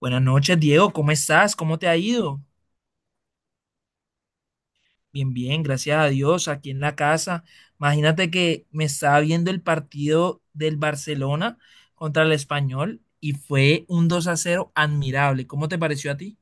Buenas noches, Diego. ¿Cómo estás? ¿Cómo te ha ido? Bien, gracias a Dios, aquí en la casa. Imagínate que me estaba viendo el partido del Barcelona contra el Español y fue un 2 a 0 admirable. ¿Cómo te pareció a ti?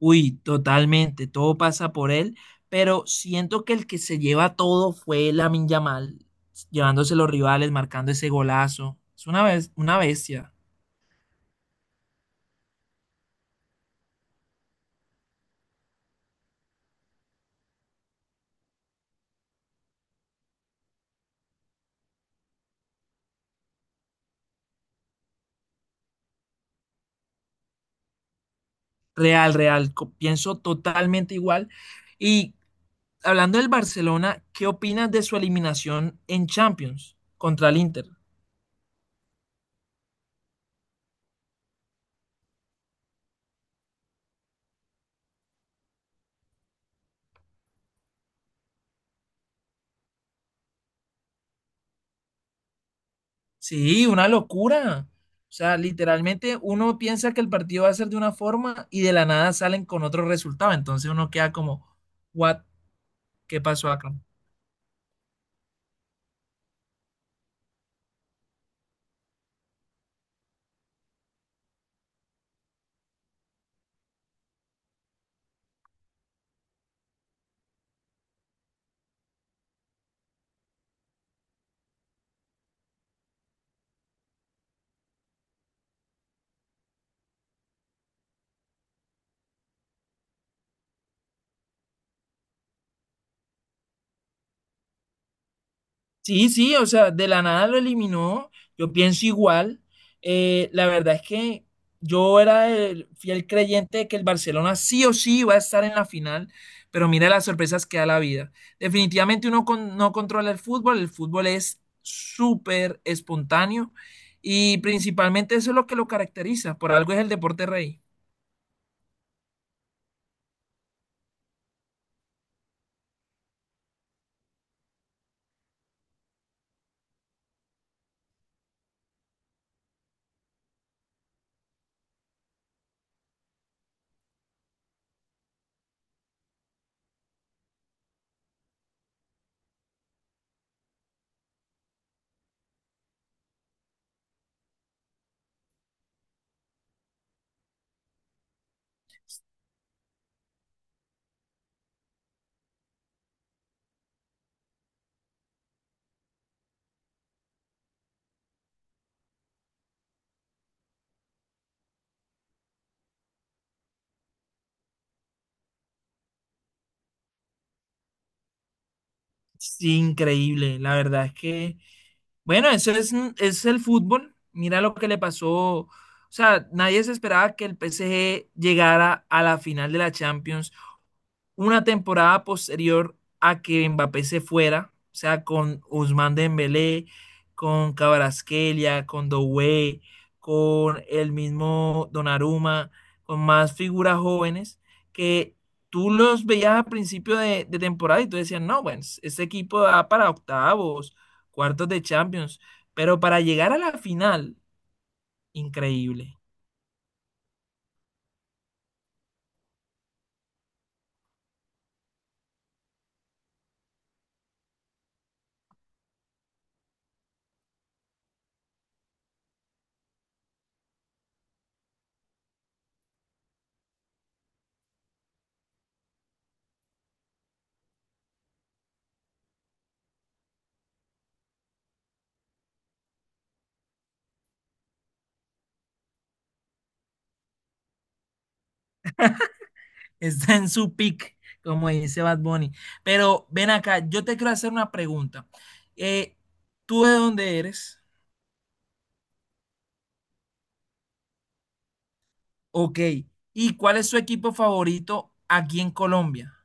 Uy, totalmente, todo pasa por él, pero siento que el que se lleva todo fue Lamine Yamal, llevándose los rivales, marcando ese golazo. Es una bestia. Real, real. Pienso totalmente igual. Y Hablando del Barcelona, ¿qué opinas de su eliminación en Champions contra el Inter? Sí, una locura. O sea, literalmente uno piensa que el partido va a ser de una forma y de la nada salen con otro resultado. Entonces uno queda como, what, ¿qué pasó acá? Sí, sí, o sea, de la nada lo eliminó. Yo pienso igual. La verdad es que yo era el fiel creyente de que el Barcelona sí o sí iba a estar en la final, pero mira las sorpresas que da la vida. Definitivamente no controla el fútbol es súper espontáneo y principalmente eso es lo que lo caracteriza, por algo es el deporte rey. Sí, increíble. La verdad es que, bueno, es el fútbol. Mira lo que le pasó. O sea, nadie se esperaba que el PSG llegara a la final de la Champions una temporada posterior a que Mbappé se fuera, o sea, con Ousmane Dembélé, con Kvaratskhelia, con Doué, con el mismo Donnarumma, con más figuras jóvenes que tú los veías a principio de temporada y tú decías, no, bueno, este equipo da para octavos, cuartos de Champions, pero para llegar a la final, increíble. Está en su peak, como dice Bad Bunny. Pero ven acá, yo te quiero hacer una pregunta. Eh, ¿Tú de dónde eres? Ok. ¿Y cuál es su equipo favorito aquí en Colombia?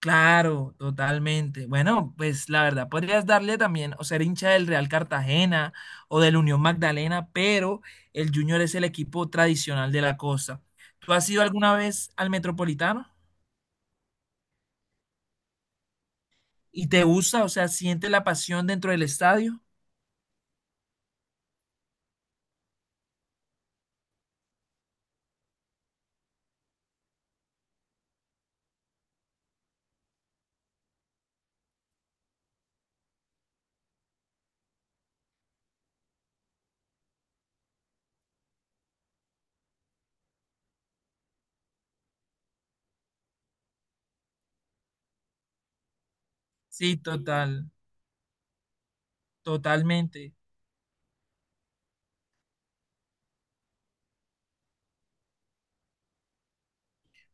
Claro, totalmente. Bueno, pues la verdad, podrías darle también o ser hincha del Real Cartagena o del Unión Magdalena, pero el Junior es el equipo tradicional de la costa. ¿Tú has ido alguna vez al Metropolitano? ¿Y te gusta? O sea, ¿sientes la pasión dentro del estadio? Sí, total. Totalmente.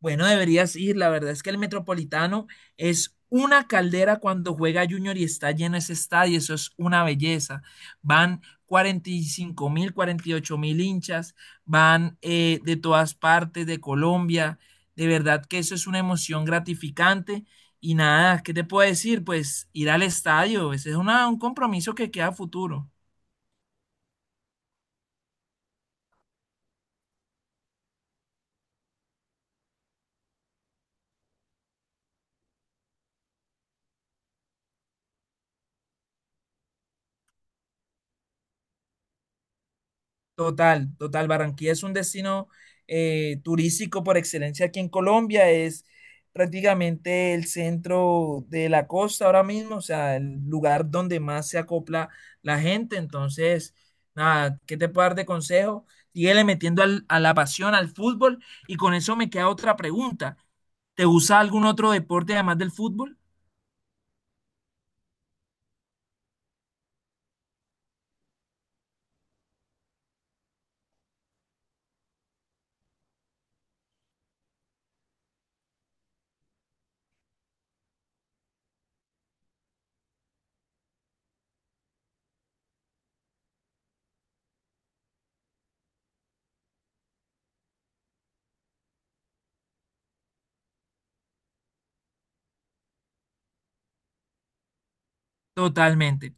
Bueno, deberías ir. La verdad es que el Metropolitano es una caldera cuando juega Junior y está lleno ese estadio. Eso es una belleza. Van 45 mil, 48 mil hinchas, van de todas partes de Colombia. De verdad que eso es una emoción gratificante. Y nada, ¿qué te puedo decir? Pues ir al estadio. Ese es un compromiso que queda a futuro. Total, total. Barranquilla es un destino turístico por excelencia aquí en Colombia. Es prácticamente el centro de la costa ahora mismo, o sea, el lugar donde más se acopla la gente. Entonces, nada, ¿qué te puedo dar de consejo? Síguele metiendo a la pasión al fútbol y con eso me queda otra pregunta. ¿Te gusta algún otro deporte además del fútbol? Totalmente,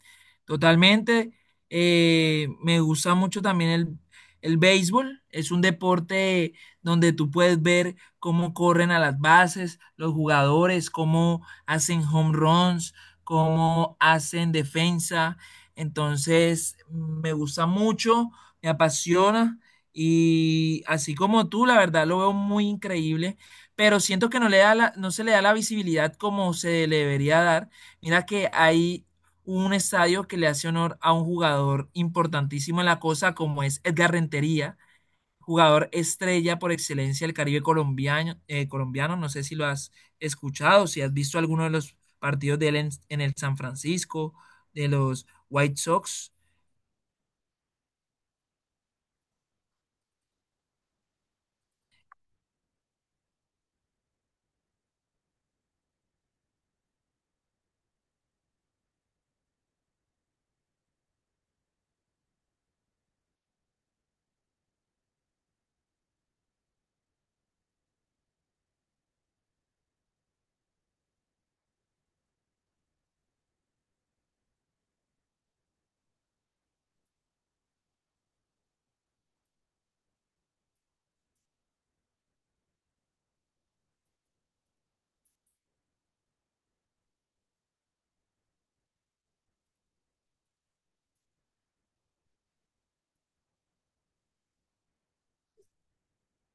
totalmente. Me gusta mucho también el béisbol. Es un deporte donde tú puedes ver cómo corren a las bases los jugadores, cómo hacen home runs, cómo hacen defensa. Entonces, me gusta mucho, me apasiona y así como tú, la verdad lo veo muy increíble, pero siento que no le da no se le da la visibilidad como se le debería dar. Mira que hay un estadio que le hace honor a un jugador importantísimo en la cosa, como es Edgar Rentería, jugador estrella por excelencia del Caribe colombiano, colombiano. No sé si lo has escuchado, si has visto alguno de los partidos de él en el San Francisco, de los White Sox.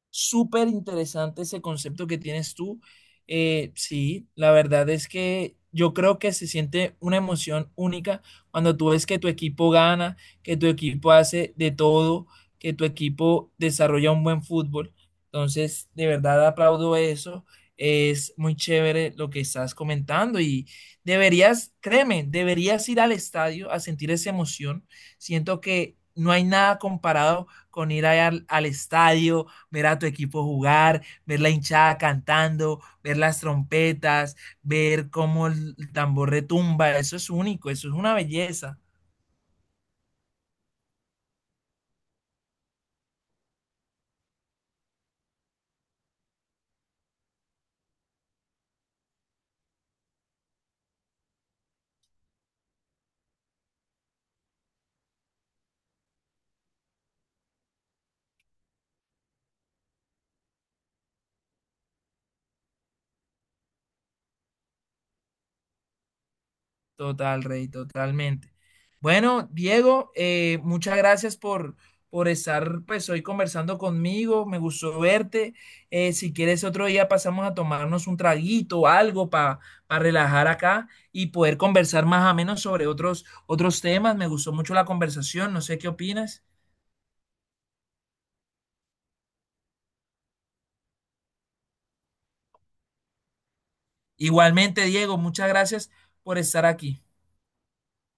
Súper interesante ese concepto que tienes tú. Sí, la verdad es que yo creo que se siente una emoción única cuando tú ves que tu equipo gana, que tu equipo hace de todo, que tu equipo desarrolla un buen fútbol. Entonces, de verdad aplaudo eso. Es muy chévere lo que estás comentando y deberías, créeme, deberías ir al estadio a sentir esa emoción. Siento que no hay nada comparado con ir allá al estadio ver a tu equipo jugar, ver la hinchada cantando, ver las trompetas, ver cómo el tambor retumba, eso es único, eso es una belleza. Total, Rey, totalmente. Bueno, Diego, muchas gracias por estar pues hoy conversando conmigo, me gustó verte. Si quieres otro día pasamos a tomarnos un traguito o algo para relajar acá y poder conversar más o menos sobre otros temas. Me gustó mucho la conversación, no sé qué opinas. Igualmente, Diego, muchas gracias por estar aquí.